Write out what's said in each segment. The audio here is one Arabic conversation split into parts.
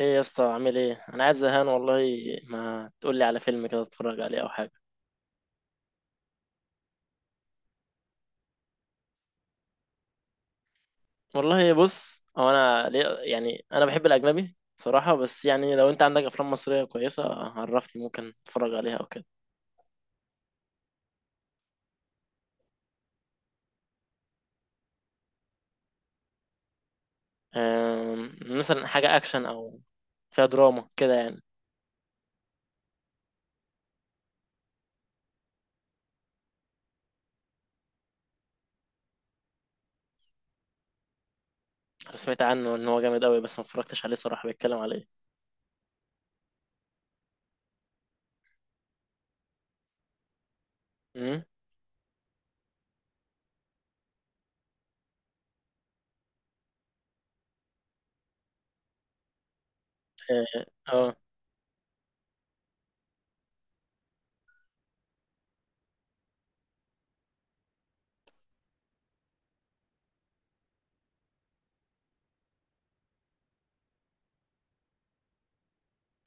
ايه يا اسطى؟ عامل ايه؟ انا قاعد زهقان والله. ما تقول لي على فيلم كده اتفرج عليه او حاجه؟ والله بص، هو انا ليه يعني، انا بحب الاجنبي صراحه، بس يعني لو انت عندك افلام مصريه كويسه عرفني ممكن اتفرج عليها او كده. مثلا حاجه اكشن او فيها دراما كده يعني. انا سمعت عنه ان هو جامد قوي بس ما اتفرجتش عليه صراحه. بيتكلم على ايه؟ امم. اه. آه.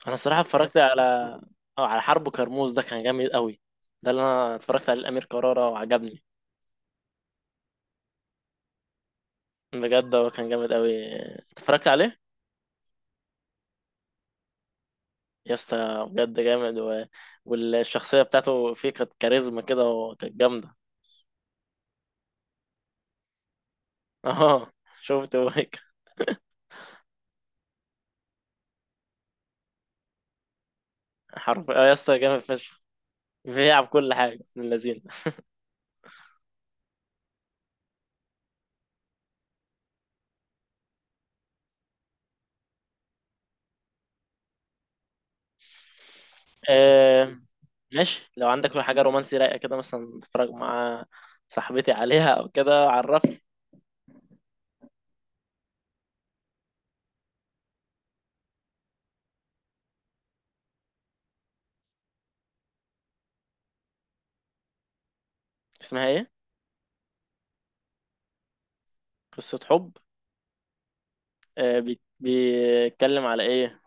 انا صراحه اتفرجت على على حرب كرموز. ده كان جامد قوي. ده اللي انا اتفرجت عليه، الامير كرارة، وعجبني بجد. هو كان جامد قوي، اتفرجت عليه. يا اسطى بجد جامد والشخصيه بتاعته فيه كانت كاريزما كده وكانت جامده. اه. شفت، هو هيك. حرف اه يا اسطى، جامد فشخ. بيلعب كل حاجه من اللذين. آه... ماشي. لو عندك حاجه رومانسي رايقه كده مثلا تتفرج مع صاحبتي عليها او كده عرفني. اسمها ايه؟ قصه حب. بيتكلم على ايه؟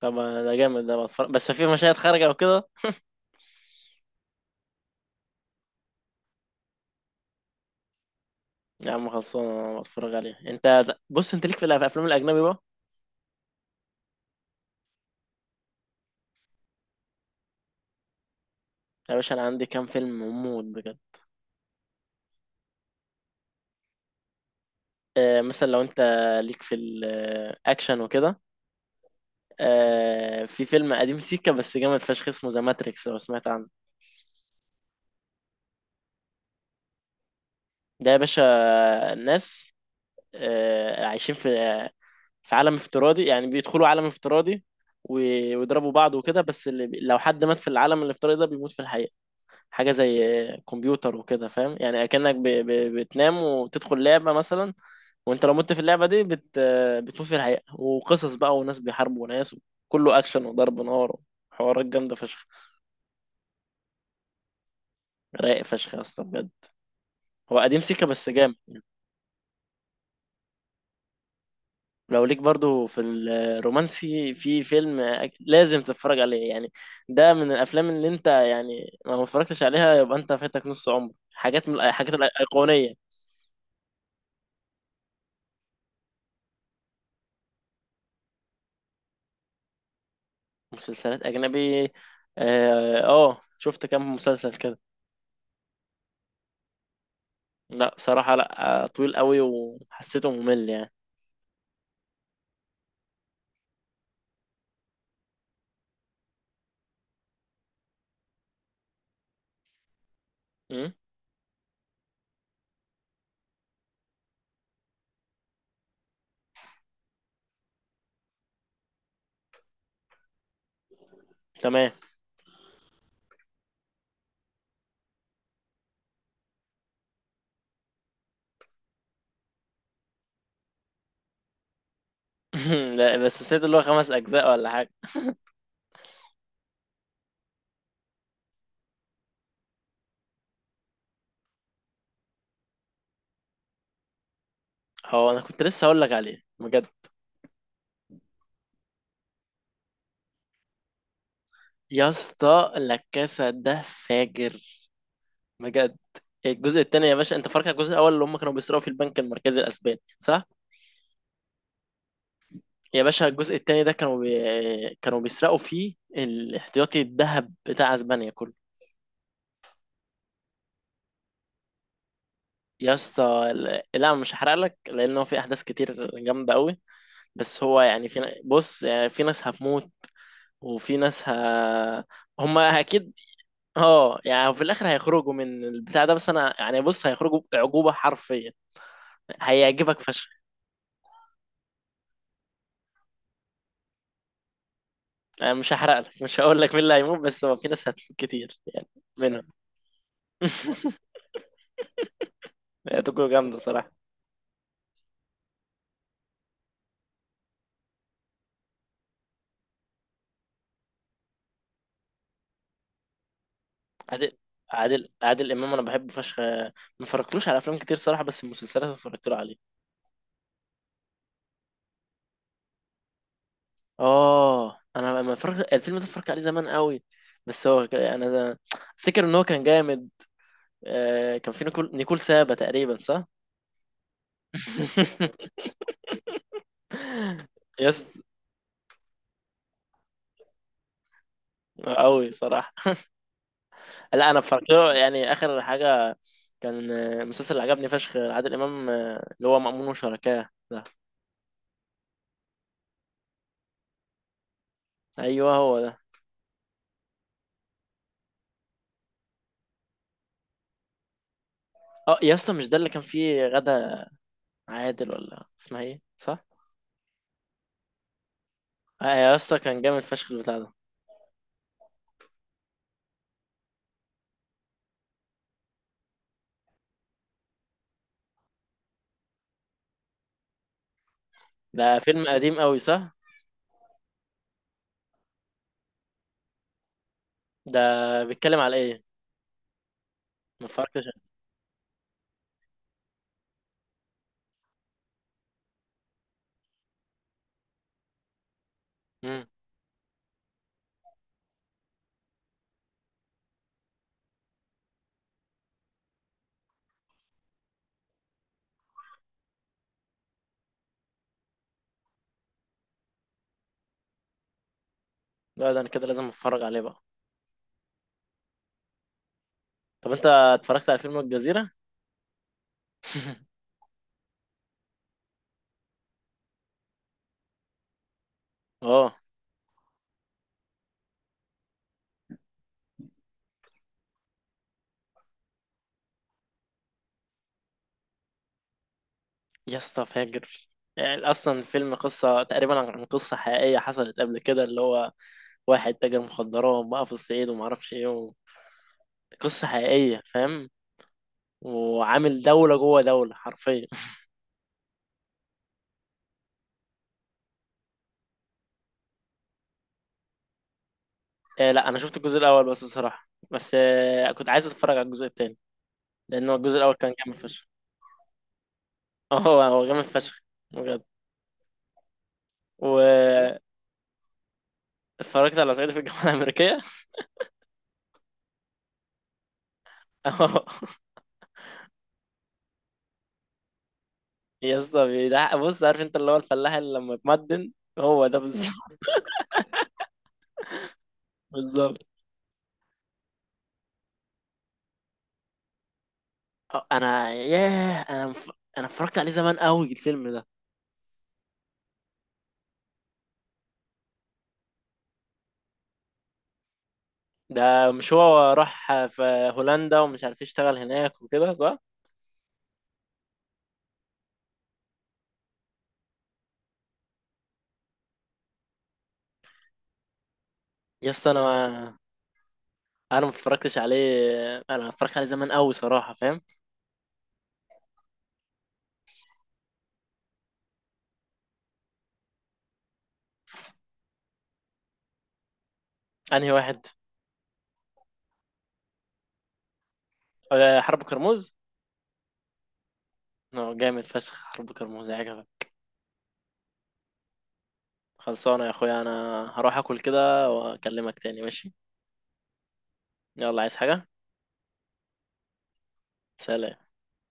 طب ده جامد. ده بتفرج بس في مشاهد خارجه او كده؟ يا عم خلصانه، انا بتفرج عليها. انت بص، انت ليك في الافلام الاجنبي بقى؟ يا باشا انا عندي كام فيلم موت بجد. مثلا لو انت ليك في الاكشن وكده. في فيلم قديم سيكا بس جامد فشخ، اسمه ذا ماتريكس، لو سمعت عنه. ده يا باشا، ناس عايشين في عالم افتراضي. يعني بيدخلوا عالم افتراضي و- ويضربوا بعض وكده. بس اللي لو حد مات في العالم الافتراضي ده بيموت في الحقيقة. حاجة زي كمبيوتر وكده، فاهم، يعني كأنك بتنام وتدخل لعبة مثلا. وانت لو مت في اللعبه دي بتموت في الحقيقه. وقصص بقى، وناس بيحاربوا ناس. وكله اكشن وضرب نار وحوارات جامده فشخ. رايق فشخ يا اسطى بجد. هو قديم سيكا بس جامد. لو ليك برضو في الرومانسي في فيلم، لازم تتفرج عليه يعني. ده من الافلام اللي انت يعني لو ما اتفرجتش عليها يبقى انت فاتك نص عمر، حاجات من الحاجات الايقونيه. مسلسلات اجنبي. اه، شفت كام مسلسل كده. لا صراحه، لا، طويل قوي وحسيته ممل. يعني. تمام. لا بس سمعت اللي هو 5 اجزاء ولا حاجه؟ هو انا كنت لسه هقول لك عليه بجد. يا اسطى لاكاسا ده فاجر بجد. الجزء التاني يا باشا، انت فاكر الجزء الاول اللي هم كانوا بيسرقوا في البنك المركزي الاسباني، صح؟ يا باشا الجزء التاني ده كانوا بيسرقوا فيه الاحتياطي الذهب بتاع اسبانيا كله. يا اسطى لا، لا، مش هحرق لك لان هو في احداث كتير جامده قوي. بس هو يعني بص يعني في ناس هتموت. وفي ناس هما اكيد. اه، يعني في الاخر هيخرجوا من البتاع ده. بس انا يعني بص، هيخرجوا عقوبه حرفيا. هيعجبك فشخ. انا مش هحرق لك، مش هقول لك مين اللي هيموت، بس هو في ناس هتموت كتير يعني، منهم. هتكون جامده صراحه. عادل عادل امام انا بحبه فشخ. ما اتفرجتلوش على افلام كتير صراحه، بس المسلسلات اتفرجت له عليه. اه، انا ما اتفرجت الفيلم ده، اتفرجت عليه زمان قوي. بس هو يعني انا افتكر ان هو كان جامد. كان في نيكول سابا تقريبا، صح؟ يس. قوي صراحة. لا انا بفرجله يعني اخر حاجة. كان مسلسل اللي عجبني فشخ عادل امام، اللي هو مأمون وشركاه ده. ايوه هو ده. اه يا اسطى مش ده اللي كان فيه غدا عادل ولا اسمها ايه، صح؟ اه يا اسطى كان جامد فشخ البتاع ده. ده فيلم قديم قوي، صح؟ ده بيتكلم على ايه؟ ما اتفرجتش. امم. لا ده انا كده لازم اتفرج عليه بقى. طب انت اتفرجت على فيلم الجزيرة؟ اه يا اسطى فاجر. يعني اصلا الفيلم قصة تقريبا عن قصة حقيقية حصلت قبل كده، اللي هو واحد تاجر مخدرات بقى في الصعيد وما اعرفش ايه قصة حقيقية، فاهم. وعامل دولة جوه دولة حرفيا. لا، انا شفت الجزء الاول بس بصراحة. بس كنت عايز اتفرج على الجزء التاني لانه الجزء الاول كان جامد فشخ. اه، هو جامد فشخ بجد. واتفرجت على صعيدي في الجامعة الأمريكية. اه يا اسطى بيضحك. بص، عارف انت اللي هو الفلاح اللي لما يتمدن؟ هو ده بالظبط. بالظبط. انا ياه، انا اتفرجت عليه زمان قوي الفيلم ده. ده مش هو راح في هولندا ومش عارف يشتغل هناك وكده، صح؟ يا اسطى انا ما اتفرجتش عليه. انا اتفرجت عليه زمان قوي صراحه، فاهم. انهي واحد؟ حرب كرموز. اه، جامد فشخ حرب كرموز، عجبك؟ خلصانه يا اخويا، انا هروح اكل كده واكلمك تاني، ماشي؟ يلا، عايز حاجه؟ سلام.